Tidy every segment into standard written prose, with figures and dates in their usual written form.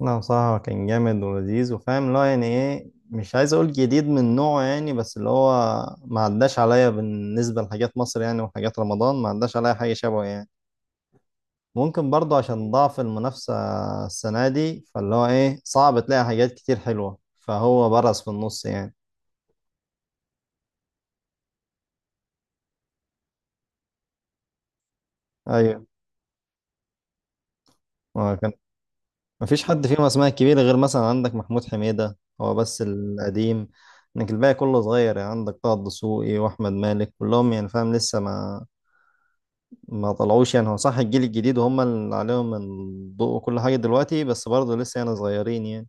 لا، بصراحة كان جامد ولذيذ وفاهم اللي هو يعني ايه. مش عايز اقول جديد من نوعه يعني، بس اللي هو ما عداش عليا بالنسبة لحاجات مصر يعني. وحاجات رمضان ما عداش عليا حاجة شبهه يعني. ممكن برضه عشان ضعف المنافسة السنة دي، فاللي هو ايه، صعب تلاقي حاجات كتير حلوة، فهو برز في النص يعني. ايوه، ما كان مفيش حد فيهم اسماء كبيرة غير مثلا عندك محمود حميدة، هو بس القديم. انك الباقي كله صغير يعني، عندك طه الدسوقي واحمد مالك كلهم يعني فاهم، لسه ما طلعوش يعني. هو صح الجيل الجديد هم اللي عليهم الضوء وكل حاجة دلوقتي، بس برضه لسه يعني صغيرين يعني.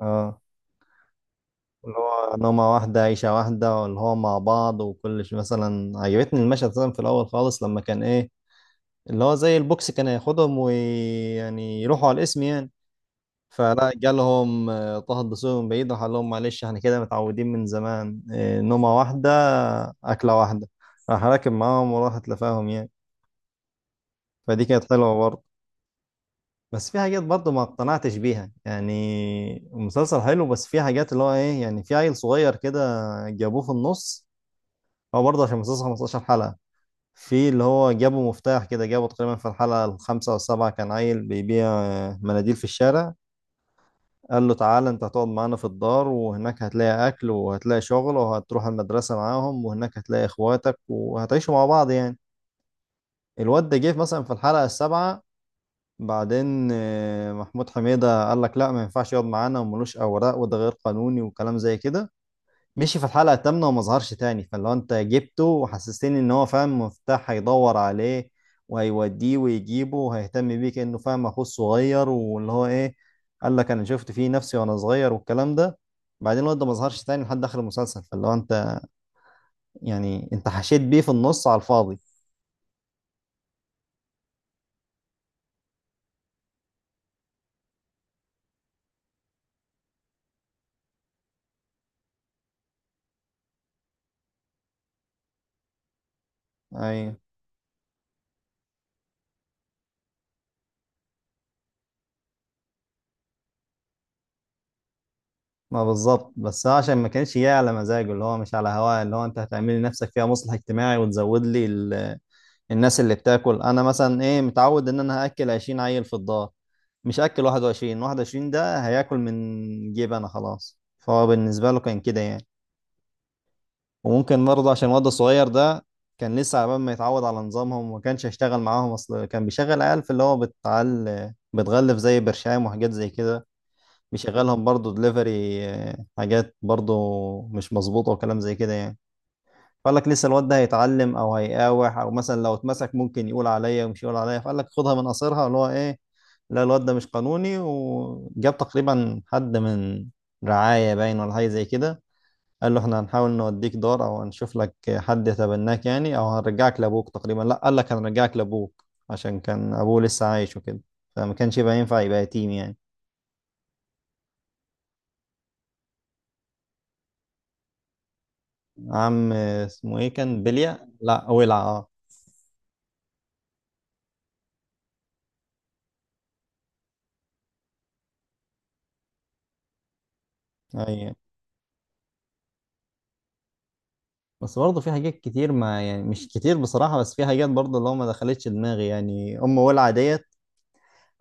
اه، اللي هو نومة واحدة، عيشة واحدة، واللي هو مع بعض وكل شيء. مثلا عجبتني المشهد مثلا في الأول خالص، لما كان إيه، اللي هو زي البوكس كان هياخدهم ويعني يروحوا على الاسم يعني. فلا جالهم طه الدسوقي من بعيد، راح قال لهم معلش احنا كده متعودين من زمان، نومة واحدة، أكلة واحدة. راح راكب معاهم وراح تلفاهم يعني، فدي كانت حلوة برضه. بس في حاجات برضه ما اقتنعتش بيها يعني. المسلسل حلو، بس في حاجات اللي هو ايه يعني، في عيل صغير كده جابوه في النص. هو برضه عشان المسلسل 15 حلقة، في اللي هو جابوا مفتاح كده، جابوا تقريبا في الحلقة الخامسة والسابعة، كان عيل بيبيع مناديل في الشارع. قال له تعالى انت هتقعد معانا في الدار، وهناك هتلاقي اكل وهتلاقي شغل، وهتروح المدرسة معاهم، وهناك هتلاقي اخواتك وهتعيشوا مع بعض يعني. الواد ده جه مثلا في الحلقة السابعة. بعدين محمود حميدة قال لك لا، ما ينفعش يقعد معانا، وملوش أوراق، وده غير قانوني وكلام زي كده. مشي في الحلقة الثامنة وما ظهرش تاني، فاللي هو أنت جبته وحسستني إن هو فاهم مفتاح هيدور عليه وهيوديه ويجيبه وهيهتم بيه، كأنه فاهم أخوه الصغير، واللي هو إيه، قال لك أنا شفت فيه نفسي وأنا صغير والكلام ده. بعدين الواد ده ما ظهرش تاني لحد آخر المسلسل، فاللي هو أنت يعني أنت حشيت بيه في النص على الفاضي. أيوه، ما بالظبط. بس هو عشان ما كانش جاي على مزاجه، اللي هو مش على هواه، اللي هو انت هتعمل لي نفسك فيها مصلح اجتماعي وتزود لي الناس اللي بتاكل. انا مثلا ايه، متعود ان انا هاكل 20 عيل في الدار، مش هاكل 21. 21 ده هياكل من جيب انا. خلاص، فهو بالنسبه له كان كده يعني. وممكن برضه عشان الواد الصغير ده كان لسه على بال ما يتعود على نظامهم، وما كانش هيشتغل معاهم. اصل كان بيشغل عيال في اللي هو بتعل بتغلف زي برشام وحاجات زي كده، بيشغلهم برضه دليفري، حاجات برضه مش مظبوطة وكلام زي كده يعني. فقال لك لسه الواد ده هيتعلم او هيقاوح، او مثلا لو اتمسك ممكن يقول عليا ومش يقول عليا، فقال لك خدها من قصرها، اللي هو ايه، لا الواد ده مش قانوني. وجاب تقريبا حد من رعاية باين ولا حاجة زي كده، قال له احنا هنحاول نوديك دار او هنشوف لك حد يتبناك يعني، او هنرجعك لابوك. تقريبا لا، قال لك هنرجعك لابوك، عشان كان ابوه لسه عايش وكده، فما كانش يبقى ينفع يبقى يتيم يعني. عم اسمه ايه كان؟ بليا، لا، ولع. اه، ايوه. بس برضه في حاجات كتير، ما يعني مش كتير بصراحة، بس في حاجات برضه اللي هو ما دخلتش دماغي يعني. أم ولع ديت،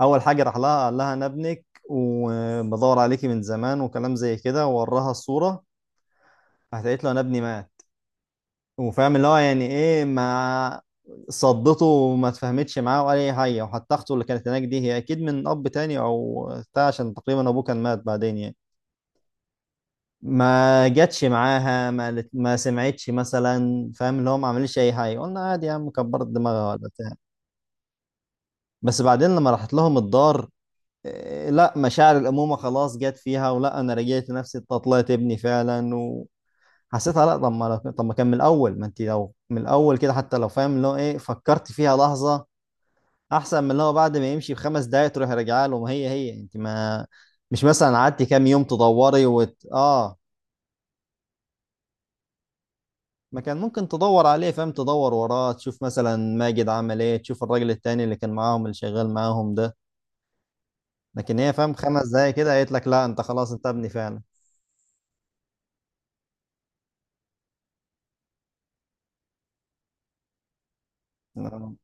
أول حاجة راح لها قال لها أنا ابنك وبدور عليكي من زمان وكلام زي كده، ووراها الصورة. راحت قالت له أنا ابني مات، وفاهم اللي هو يعني إيه، ما صدته وما اتفاهمتش معاه ولا أي حاجة. وحتى أخته اللي كانت هناك دي هي أكيد من أب تاني أو بتاع، عشان تقريبا أبوه كان مات بعدين يعني. ما جاتش معاها، ما سمعتش مثلا، فاهم اللي هو ما عملش اي حاجه، قلنا عادي يا عم، كبرت دماغها ولا بتاع. بس بعدين لما راحت لهم الدار، إيه، لا، مشاعر الامومه خلاص جت فيها، ولا انا رجعت نفسي إنت طلعت ابني فعلا. وحسيتها لا، طب ما كان من الاول، ما انت لو من الاول كده حتى لو فاهم اللي هو ايه فكرت فيها لحظه، احسن من اللي هو بعد ما يمشي بخمس دقايق تروح راجعه له. ما هي هي انت، ما مش مثلا قعدتي كام يوم تدوري اه، ما كان ممكن تدور عليه، فاهم، تدور وراه تشوف مثلا ماجد عمل ايه، تشوف الراجل التاني اللي كان معاهم اللي شغال معاهم ده. لكن هي فاهم خمس دقايق كده قالت لك لا، انت خلاص انت ابني فعلا. انا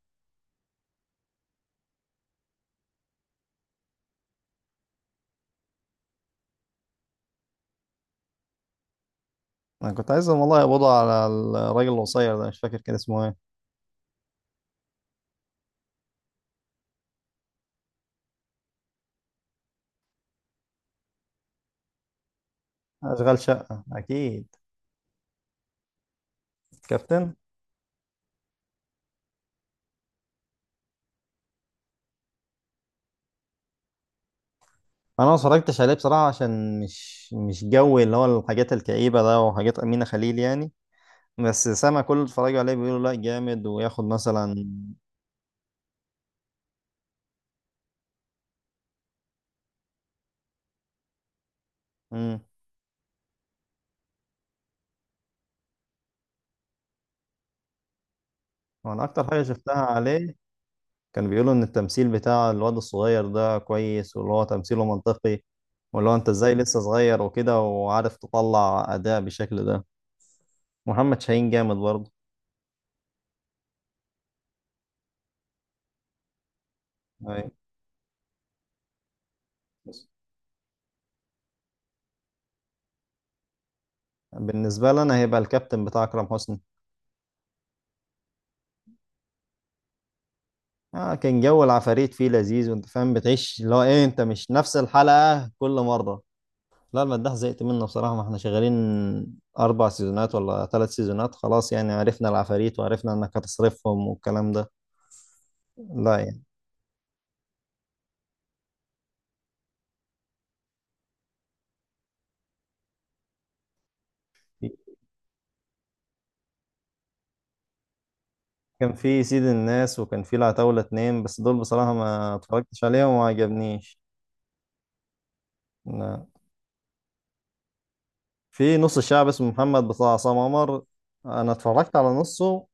أنا كنت عايزهم والله يقبضوا على الراجل القصير ده، مش فاكر كان اسمه ايه. اشغال شقة اكيد. كابتن. انا ما اتفرجتش عليه بصراحة عشان مش جوي اللي هو الحاجات الكئيبة ده وحاجات أمينة خليل يعني. بس سامع كل اللي اتفرجوا عليه بيقولوا لا جامد وياخد مثلا. امم وانا اكتر حاجة شفتها عليه، كانوا بيقولوا ان التمثيل بتاع الواد الصغير ده كويس، واللي هو تمثيله منطقي، واللي هو انت ازاي لسه صغير وكده، وعارف تطلع اداء بالشكل ده. محمد شاهين جامد برضه. أي. بالنسبه لي انا هيبقى الكابتن بتاع اكرم حسني. آه، كان جو العفاريت فيه لذيذ، وانت فاهم بتعيش اللي هو ايه، انت مش نفس الحلقه كل مره. لا، المداح زهقت منه بصراحه، ما احنا شغالين اربع سيزونات ولا ثلاث سيزونات، خلاص يعني عرفنا العفاريت وعرفنا انك هتصرفهم والكلام ده، لا يعني. كان في سيد الناس، وكان في العتاولة اتنين، بس دول بصراحة ما اتفرجتش عليهم وما عجبنيش. لا. في نص الشعب اسمه محمد بتاع عصام عمر، انا اتفرجت على نصه.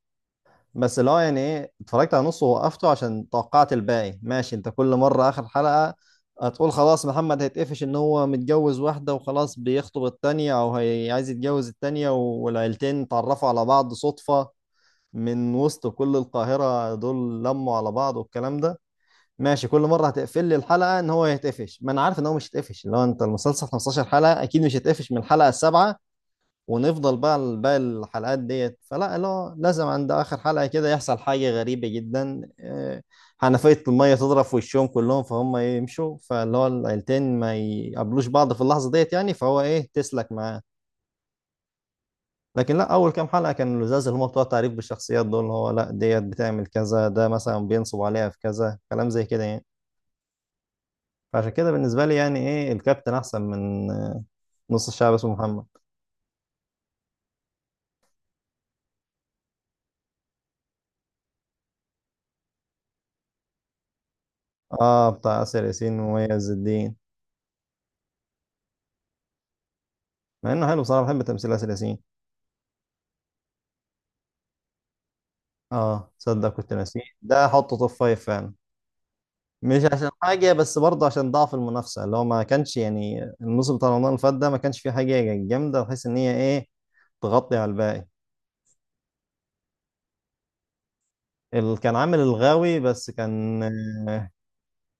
بس اللي هو يعني ايه، اتفرجت على نصه ووقفته، عشان توقعت الباقي ماشي. انت كل مرة اخر حلقة هتقول خلاص محمد هيتقفش، ان هو متجوز واحدة وخلاص بيخطب التانية او هي عايز يتجوز التانية، والعيلتين اتعرفوا على بعض صدفة من وسط كل القاهرة، دول لموا على بعض والكلام ده. ماشي، كل مره هتقفل لي الحلقه ان هو هيتقفش، ما انا عارف ان هو مش هيتقفش، لو انت المسلسل 15 حلقه اكيد مش هيتقفش من الحلقه السابعه، ونفضل بقى باقي الحلقات ديت. فلا لا، لازم عند اخر حلقه كده يحصل حاجه غريبه جدا، حنفيه الميه تضرب في وشهم كلهم، فهم يمشوا، فاللي هو العيلتين ما يقابلوش بعض في اللحظه ديت يعني، فهو ايه، تسلك معاه. لكن لا، اول كام حلقه كانوا لزاز، اللي هم بتوع تعريف بالشخصيات دول، اللي هو لا ديت بتعمل كذا، ده مثلا بينصب عليها في كذا، كلام زي كده يعني. فعشان كده بالنسبة لي يعني ايه، الكابتن احسن من نص الشعب اسمه محمد. اه، بتاع آسر ياسين ومميز الدين، مع انه حلو صراحة، بحب تمثيل آسر ياسين. اه، تصدق كنت ناسيه ده، احطه توب فايف فعلا. مش عشان حاجة، بس برضه عشان ضعف المنافسة، اللي هو ما كانش يعني الموسم بتاع رمضان اللي فات ده ما كانش فيه حاجة جامدة بحيث ان هي ايه تغطي على الباقي. اللي كان عامل الغاوي، بس كان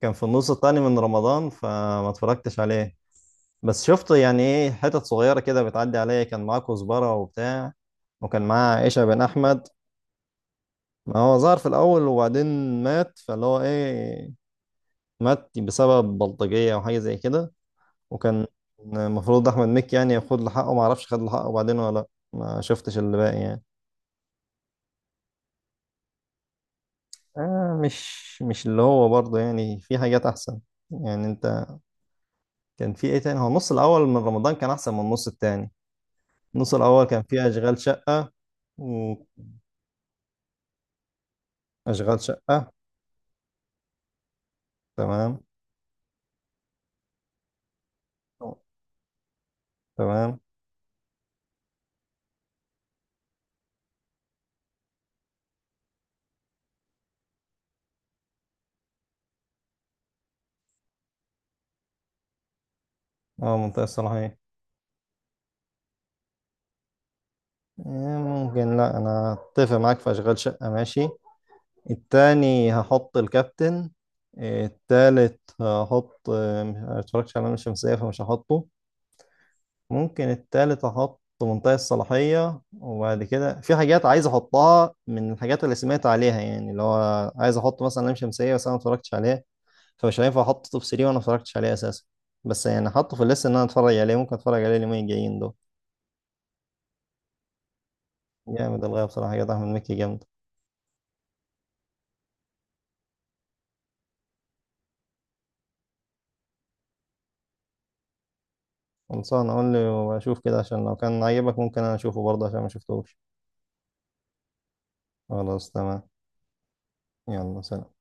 كان في النص التاني من رمضان، فما اتفرجتش عليه. بس شفت يعني ايه، حتت صغيرة كده بتعدي عليا، كان معاه كزبرة وبتاع، وكان معاه عيشة بن أحمد. ما هو ظهر في الأول، وبعدين مات، فاللي هو ايه، مات بسبب بلطجية أو حاجة زي كده. وكان المفروض أحمد مكي يعني ياخد له حقه، معرفش خد له حقه بعدين ولا لأ، ما شفتش اللي باقي يعني. آه، مش اللي هو برضه يعني في حاجات أحسن يعني. أنت كان في ايه تاني، هو النص الأول من رمضان كان أحسن من النص التاني. النص الأول كان فيه أشغال شقة. وأشغال شقة، تمام. تمام. اه، منطقة الصلاحية. آه، ممكن. لا، انا اتفق معاك في اشغال شقة، ماشي. التاني هحط الكابتن. آه، التالت هحط آه، ما اتفرجتش على لام الشمسية فمش هحطه. ممكن التالت هحط منطقة الصلاحية، وبعد كده في حاجات عايز احطها من الحاجات اللي سمعت عليها يعني، اللي هو عايز احط مثلا لام شمسية بس انا ما اتفرجتش عليها، فمش هينفع احط توب 3 وانا ما اتفرجتش عليه اساسا. بس يعني احطه في الليست ان انا اتفرج عليه، ممكن اتفرج عليه اليومين الجايين دول. جامد الغاية بصراحة، حاجات أحمد مكي جامد. خلصان، أقول لي وأشوف كده، عشان لو كان عجبك ممكن أنا أشوفه برضه عشان ما شفتوش. خلاص تمام. يلا سلام.